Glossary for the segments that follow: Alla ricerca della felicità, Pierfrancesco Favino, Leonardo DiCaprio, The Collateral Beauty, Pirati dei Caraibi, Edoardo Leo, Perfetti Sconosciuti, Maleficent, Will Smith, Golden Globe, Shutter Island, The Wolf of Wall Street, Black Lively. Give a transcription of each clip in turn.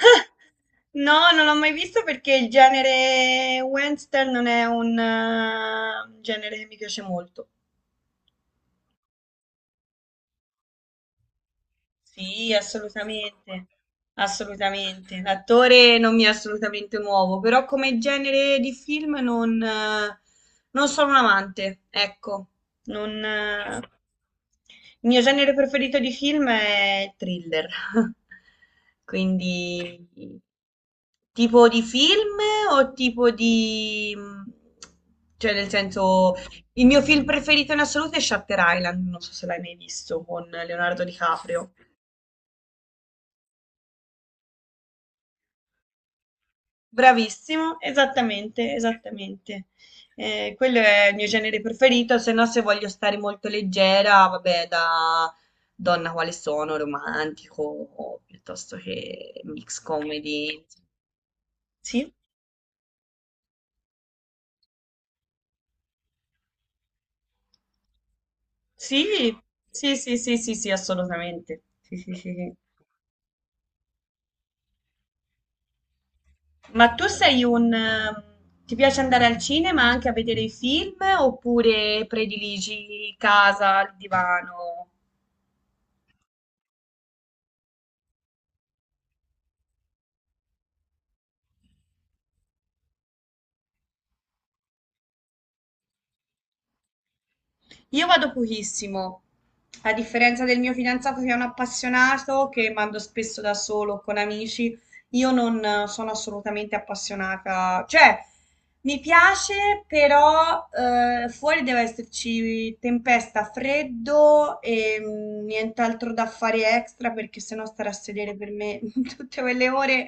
No, non l'ho mai visto perché il genere western non è un genere che mi piace molto. Sì, assolutamente, assolutamente. L'attore non mi è assolutamente nuovo, però come genere di film non. Non sono un amante, ecco. Non, Il mio genere preferito di film è il thriller. Quindi, tipo di film o tipo di... Cioè, nel senso, il mio film preferito in assoluto è Shutter Island, non so se l'hai mai visto, con Leonardo DiCaprio. Bravissimo, esattamente, esattamente. Quello è il mio genere preferito, se no se voglio stare molto leggera, vabbè, da donna quale sono, romantico, o piuttosto che mix comedy. Sì, sì, sì, sì, sì, sì, sì, assolutamente. Sì, sì, sì, sì. Ma tu sei un... ti piace andare al cinema anche a vedere i film oppure prediligi casa, il divano? Io vado pochissimo, a differenza del mio fidanzato che è un appassionato, che mando spesso da solo o con amici, io non sono assolutamente appassionata. Cioè, mi piace, però fuori deve esserci tempesta, freddo e mm, nient'altro da fare extra, perché sennò stare a sedere per me tutte quelle ore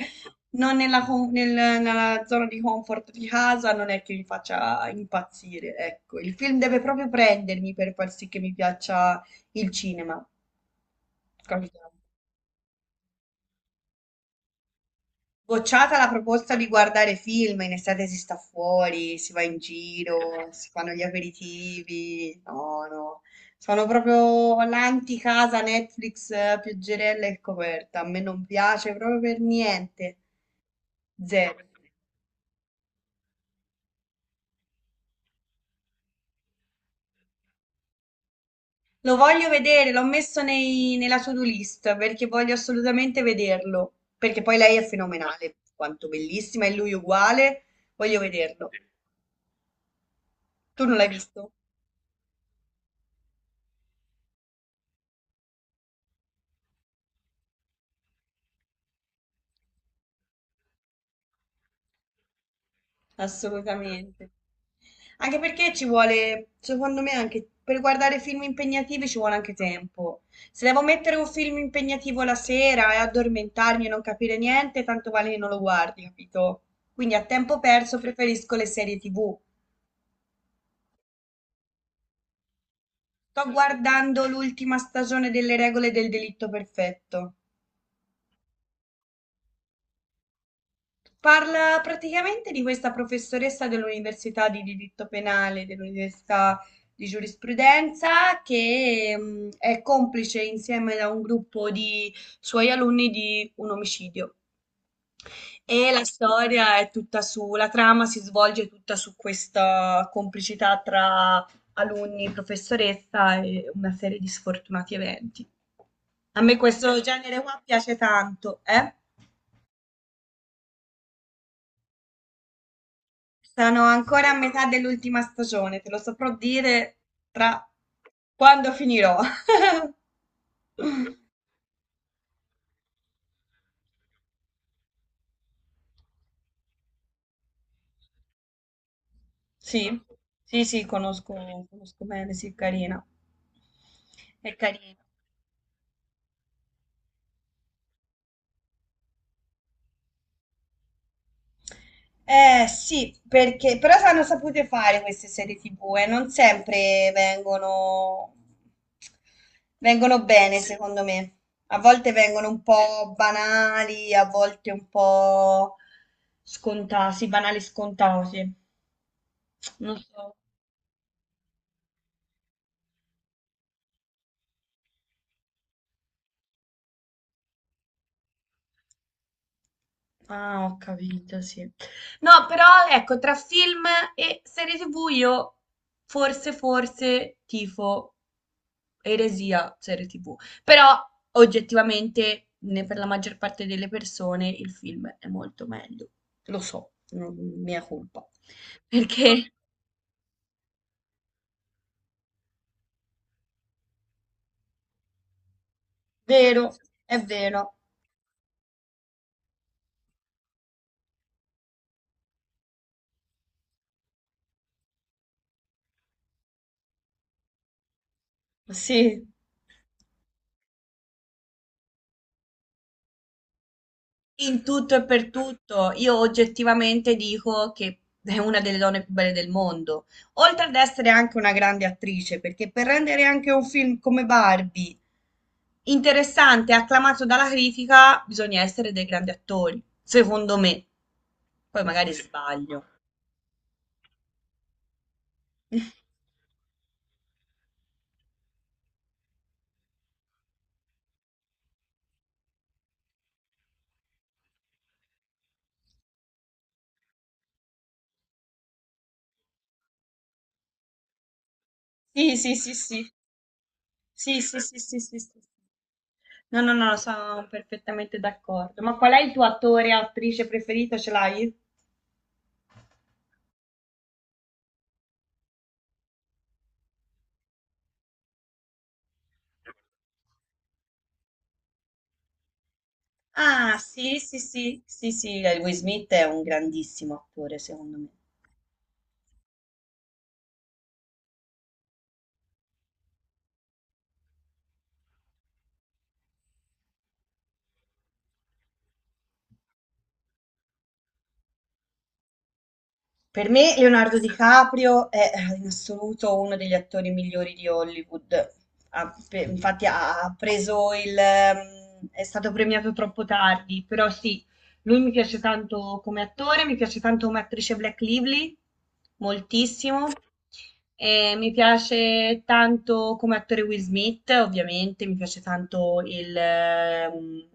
non nella zona di comfort di casa non è che mi faccia impazzire, ecco. Il film deve proprio prendermi per far sì che mi piaccia il cinema, capito? Bocciata la proposta di guardare film, in estate si sta fuori, si va in giro, si fanno gli aperitivi, no, no. Sono proprio l'anti-casa Netflix, pioggerella e coperta, a me non piace proprio per niente, zero. Lo voglio vedere, l'ho messo nella to-do list perché voglio assolutamente vederlo. Perché poi lei è fenomenale, quanto bellissima, e lui uguale. Voglio vederlo. Tu non l'hai visto? Assolutamente. Anche perché ci vuole, secondo me, anche per guardare film impegnativi ci vuole anche tempo. Se devo mettere un film impegnativo la sera e addormentarmi e non capire niente, tanto vale che non lo guardi, capito? Quindi a tempo perso preferisco le serie TV. Sto guardando l'ultima stagione delle regole del delitto perfetto. Parla praticamente di questa professoressa dell'università di diritto penale, dell'università di giurisprudenza, che mm, è complice insieme a un gruppo di suoi alunni di un omicidio. E la storia è tutta su, la trama si svolge tutta su questa complicità tra alunni, professoressa e una serie di sfortunati eventi. A me questo genere qua piace tanto, eh? Sono ancora a metà dell'ultima stagione, te lo saprò dire tra quando finirò. Sì, sì, sì, conosco, conosco bene, sì, è carina. È carina. Eh sì, perché però hanno sapute fare queste serie TV e non sempre vengono bene, sì, secondo me. A volte vengono un po' banali, a volte un po' scontati, banali scontati. Non so. Ah, ho capito, sì. No, però ecco, tra film e serie TV io forse tifo eresia serie TV, però oggettivamente per la maggior parte delle persone il film è molto meglio. Lo so, mia colpa. Perché, vero, è vero, sì. In tutto e per tutto, io oggettivamente dico che è una delle donne più belle del mondo, oltre ad essere anche una grande attrice, perché per rendere anche un film come Barbie interessante e acclamato dalla critica, bisogna essere dei grandi attori, secondo me. Poi magari sì, sbaglio. Sì, sì, sì, sì, sì, sì, sì, sì, sì, sì. No, no, no, sono perfettamente d'accordo. Ma qual è il tuo attore e attrice preferito? Ce l'hai? Ah, sì, sì, sì, sì, sì, Will Smith è un grandissimo attore, secondo me. Per me Leonardo DiCaprio è in assoluto uno degli attori migliori di Hollywood. Infatti ha preso il. È stato premiato troppo tardi, però sì, lui mi piace tanto come attore, mi piace tanto come attrice Black Lively, moltissimo. E mi piace tanto come attore Will Smith, ovviamente, mi piace tanto il, eh, um,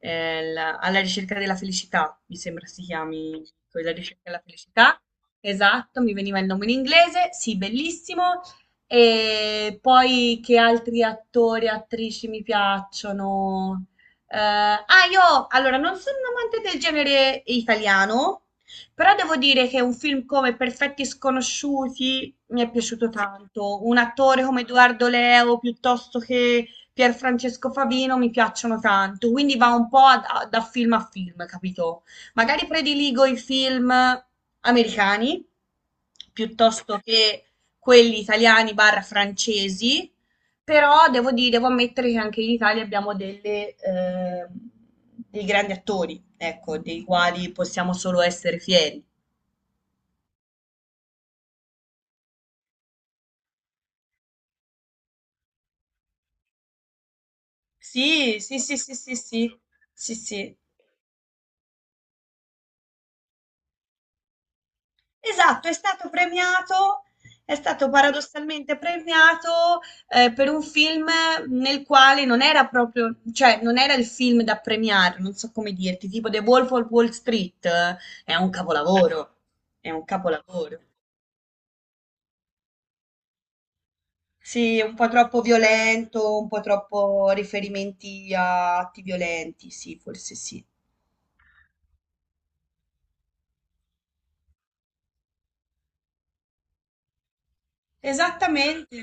eh, la- Alla ricerca della felicità, mi sembra si chiami, La ricerca della felicità. Esatto, mi veniva il nome in inglese, sì, bellissimo. E poi che altri attori e attrici mi piacciono? Eh, ah, io allora non sono un amante del genere italiano, però devo dire che un film come Perfetti Sconosciuti mi è piaciuto tanto. Un attore come Edoardo Leo piuttosto che Pierfrancesco Favino mi piacciono tanto. Quindi va un po' da film a film, capito? Magari prediligo i film americani piuttosto che quelli italiani barra francesi, però devo dire, devo ammettere che anche in Italia abbiamo dei grandi attori, ecco, dei quali possiamo solo essere fieri. Sì, sì, sì, sì, sì, sì, sì, sì. Esatto, è stato premiato, è stato paradossalmente premiato per un film nel quale non era proprio, cioè non era il film da premiare, non so come dirti, tipo The Wolf of Wall Street, è un capolavoro, è un capolavoro. Sì, un po' troppo violento, un po' troppo riferimenti a atti violenti, sì, forse sì. Esattamente.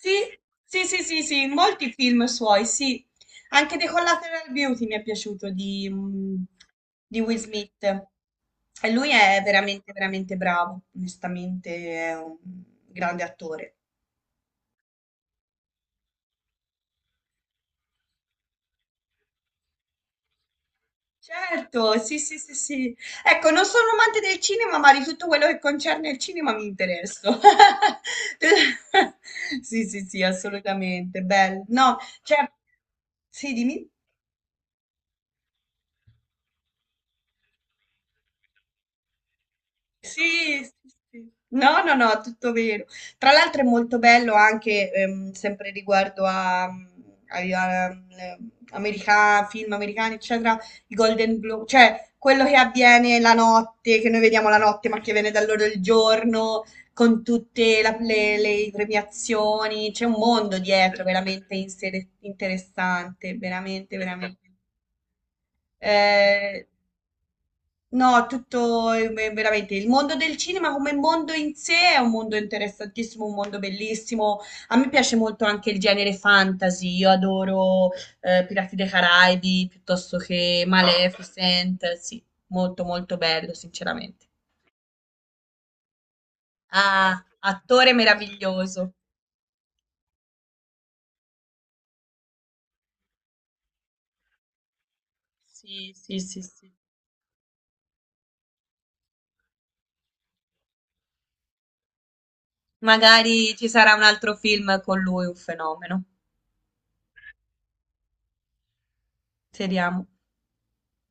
Sì, sì, sì, sì, sì, in molti film suoi, sì. Anche The Collateral Beauty mi è piaciuto di, mm, di Will Smith. E lui è veramente, veramente bravo, onestamente è un grande attore. Certo, sì, sì, sì, sì. Ecco, non sono amante del cinema, ma di tutto quello che concerne il cinema mi interesso. Sì, sì, sì, assolutamente. Bello. No, cioè, sì, dimmi. Sì, sì, sì. No, no, no, tutto vero. Tra l'altro è molto bello anche, sempre riguardo a, film americani, eccetera, i Golden Globe, cioè quello che avviene la notte, che noi vediamo la notte, ma che viene da loro il giorno, con tutte le premiazioni, c'è un mondo dietro veramente interessante, veramente, veramente. Eh, No, tutto veramente il mondo del cinema come mondo in sé è un mondo interessantissimo, un mondo bellissimo. A me piace molto anche il genere fantasy. Io adoro Pirati dei Caraibi piuttosto che Maleficent. Sì, molto molto bello, sinceramente. Ah, attore meraviglioso. Sì, sì, sì, sì. Magari ci sarà un altro film con lui, un fenomeno. Speriamo.